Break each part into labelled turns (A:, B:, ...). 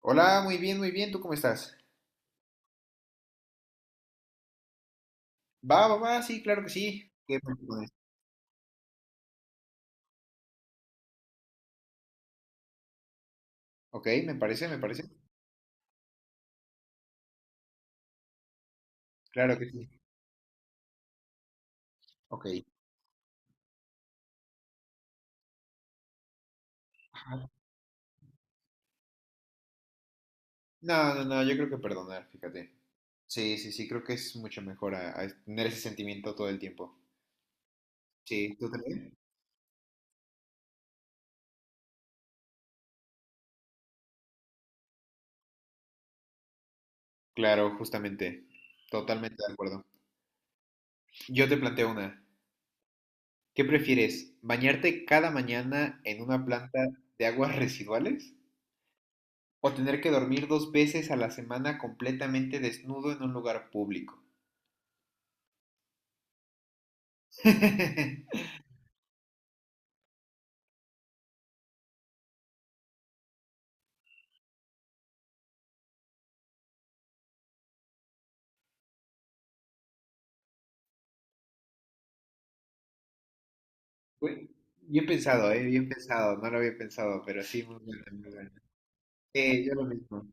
A: Hola, muy bien, muy bien. ¿Tú cómo estás? Va, va, va, sí, claro que sí. ¿Qué propones? Ok, me parece, me parece. Claro que sí. Ok. Ajá. No, no, no, yo creo que perdonar, fíjate. Sí, sí, sí, creo que es mucho mejor a tener ese sentimiento todo el tiempo. Sí, ¿tú también? Claro, justamente. Totalmente de acuerdo. Yo te planteo una. ¿Qué prefieres? ¿Bañarte cada mañana en una planta de aguas residuales? ¿O tener que dormir dos veces a la semana completamente desnudo en un lugar público? Uy, bien pensado, no lo había pensado, pero sí, muy bueno, muy bueno. Sí, yo lo mismo.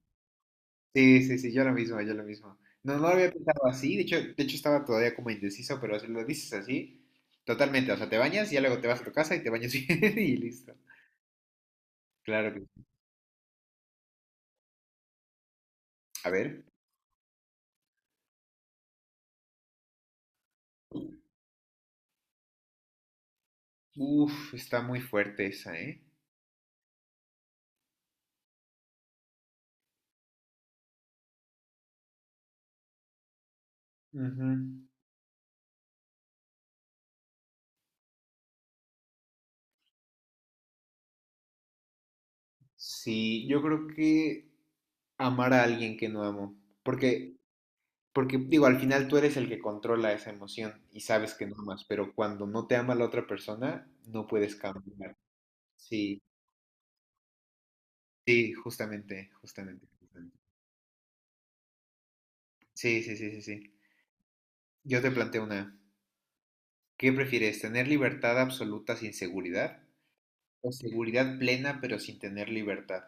A: Sí, sí, sí, yo lo mismo, yo lo mismo. No, no lo había pensado así, de hecho estaba todavía como indeciso, pero si lo dices así, totalmente, o sea, te bañas y ya luego te vas a tu casa y te bañas bien y listo. Claro que sí. A ver. Uf, está muy fuerte esa, ¿eh? Ujú. Sí, yo creo que amar a alguien que no amo, porque Porque digo, al final tú eres el que controla esa emoción y sabes que no amas, pero cuando no te ama la otra persona, no puedes cambiar. Sí, sí, justamente, justamente, justamente. Sí, sí, sí, sí, sí. Yo te planteo una. ¿Qué prefieres, tener libertad absoluta sin seguridad o seguridad plena pero sin tener libertad?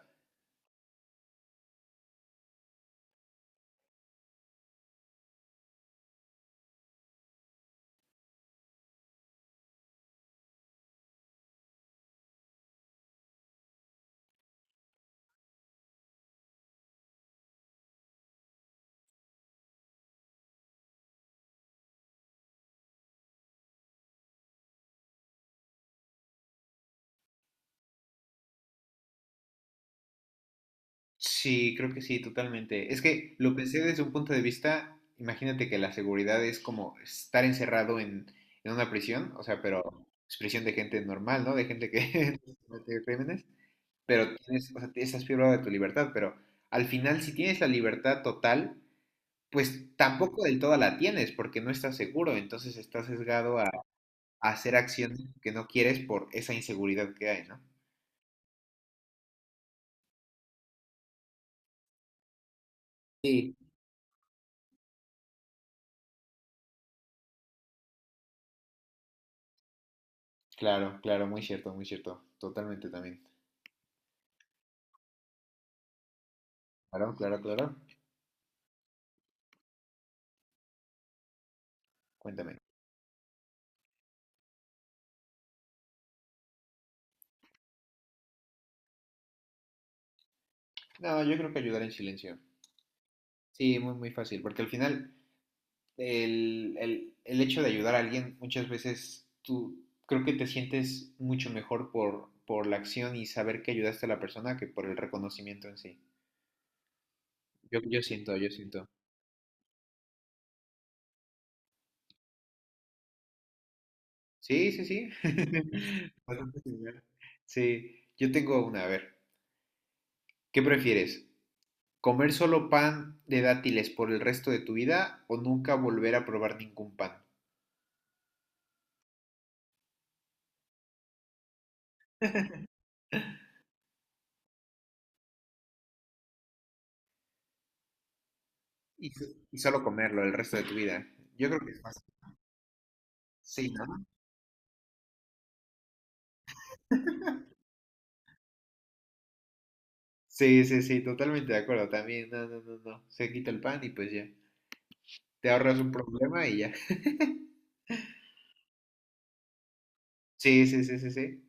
A: Sí, creo que sí, totalmente. Es que lo pensé desde un punto de vista, imagínate que la seguridad es como estar encerrado en una prisión, o sea, pero es prisión de gente normal, ¿no? De gente que comete crímenes, pero tienes, o sea, estás privado de tu libertad, pero al final si tienes la libertad total, pues tampoco del todo la tienes porque no estás seguro, entonces estás sesgado a hacer acciones que no quieres por esa inseguridad que hay, ¿no? Sí. Claro, claro, muy cierto, totalmente también. Claro, claro, claro. Cuéntame. No, yo creo que ayudar en silencio. Sí, muy, muy fácil, porque al final el hecho de ayudar a alguien muchas veces tú creo que te sientes mucho mejor por la acción y saber que ayudaste a la persona que por el reconocimiento en sí. Yo siento, yo siento. Sí, sí, sí. Bastante similar. Sí, yo tengo una, a ver, ¿qué prefieres? ¿Comer solo pan de dátiles por el resto de tu vida o nunca volver a probar ningún pan? Y, y solo comerlo el resto de tu vida. Yo creo que es más. Sí, ¿no? Sí, sí, sí, totalmente de acuerdo. También, no, no, no, no. Se quita el pan y pues ya. Te ahorras un problema y ya. Sí, sí, sí, sí, sí.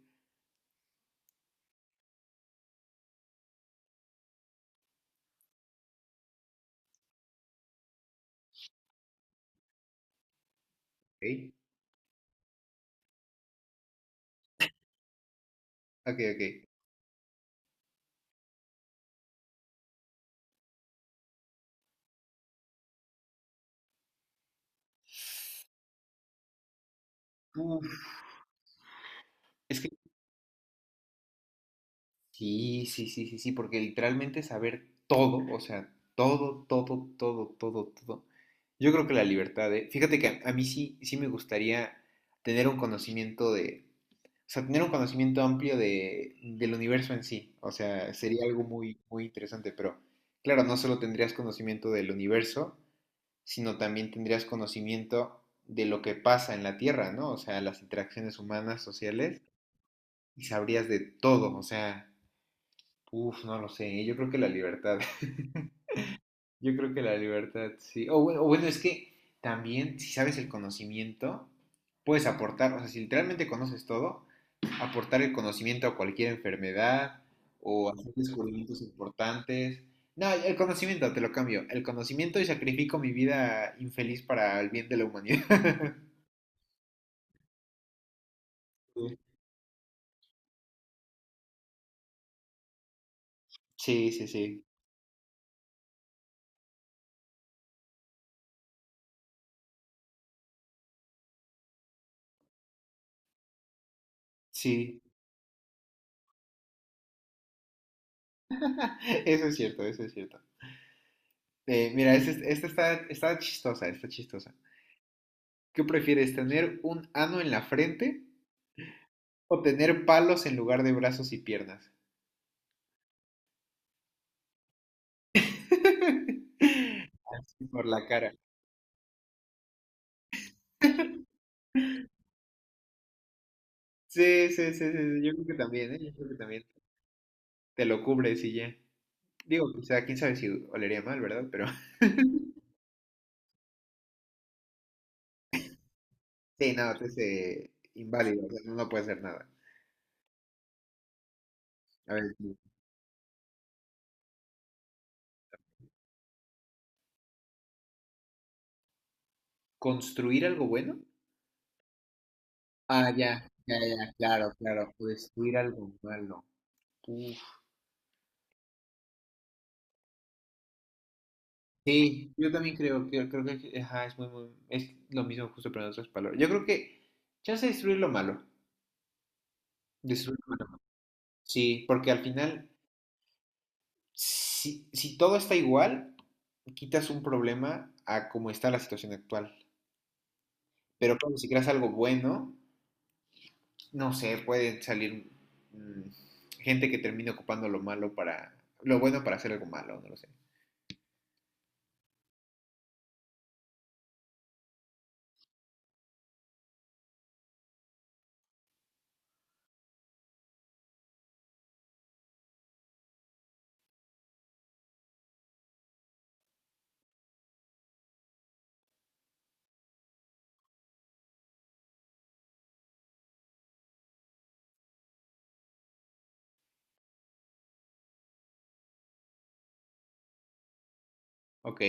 A: Ok, ok, ok. Uf, es que sí, sí, sí, sí, sí, porque literalmente saber todo, o sea, todo, todo, todo, todo, todo. Yo creo que la libertad de... Fíjate que a mí sí, sí me gustaría tener un conocimiento de... O sea, tener un conocimiento amplio del universo en sí. O sea, sería algo muy, muy interesante, pero claro, no solo tendrías conocimiento del universo, sino también tendrías conocimiento de lo que pasa en la Tierra, ¿no? O sea, las interacciones humanas, sociales, y sabrías de todo, o sea... Uf, no lo sé, yo creo que la libertad, yo creo que la libertad, sí. O bueno, es que también si sabes el conocimiento, puedes aportar, o sea, si literalmente conoces todo, aportar el conocimiento a cualquier enfermedad o hacer descubrimientos importantes. No, el conocimiento, te lo cambio, el conocimiento y sacrifico mi vida infeliz para el bien de la humanidad. Sí, sí, sí, sí, eso es cierto, eso es cierto. Mira, esta este esta está, está chistosa, está chistosa. ¿Qué prefieres, tener un ano en la frente o tener palos en lugar de brazos y piernas? Así por la cara. Sí, sí, sí, sí, sí, yo creo que también, ¿eh? Yo creo que también. Te lo cubres y ya. Digo, o sea, quién sabe si olería mal, ¿verdad? Pero sí, no, es inválido, o sea, no, no puede hacer nada. A ver, sí. ¿Construir algo bueno? Ah, ya, ya, ya, claro, claro, destruir algo malo. Uf. Sí, yo también creo que ajá, es muy, muy, es lo mismo justo pero en otras palabras. Yo creo que chance de destruir lo malo, destruir lo malo. Sí, porque al final, si todo está igual, quitas un problema a como está la situación actual. Pero claro, si creas algo bueno, no sé, puede salir mm, gente que termine ocupando lo malo para, lo bueno para hacer algo malo, no lo sé. Ok,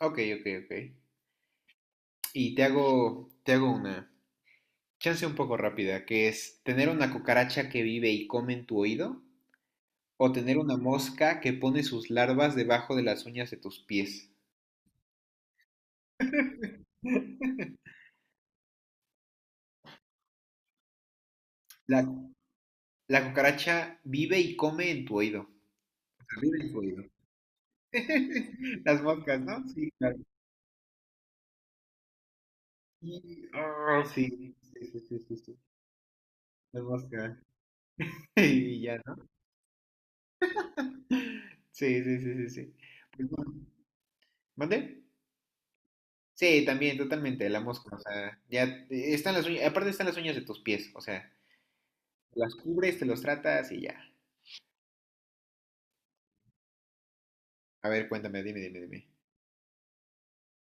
A: ok, ok, ok. Y te hago una. Chance un poco rápida, que es tener una cucaracha que vive y come en tu oído o tener una mosca que pone sus larvas debajo de las uñas de tus pies. La, la cucaracha vive y come en tu oído. Vive en tu oído. Las moscas, ¿no? Sí, claro. Y, oh, sí, sí, sí, sí, sí, sí. Las moscas. Y ya, ¿no? Sí, sí, sí, sí, sí. Pues, bueno, ¿mande? Sí, también, totalmente, la mosca. O sea, ya están las uñas, aparte están las uñas de tus pies, o sea. Las cubres, te los tratas y ya. A ver, cuéntame, dime, dime, dime.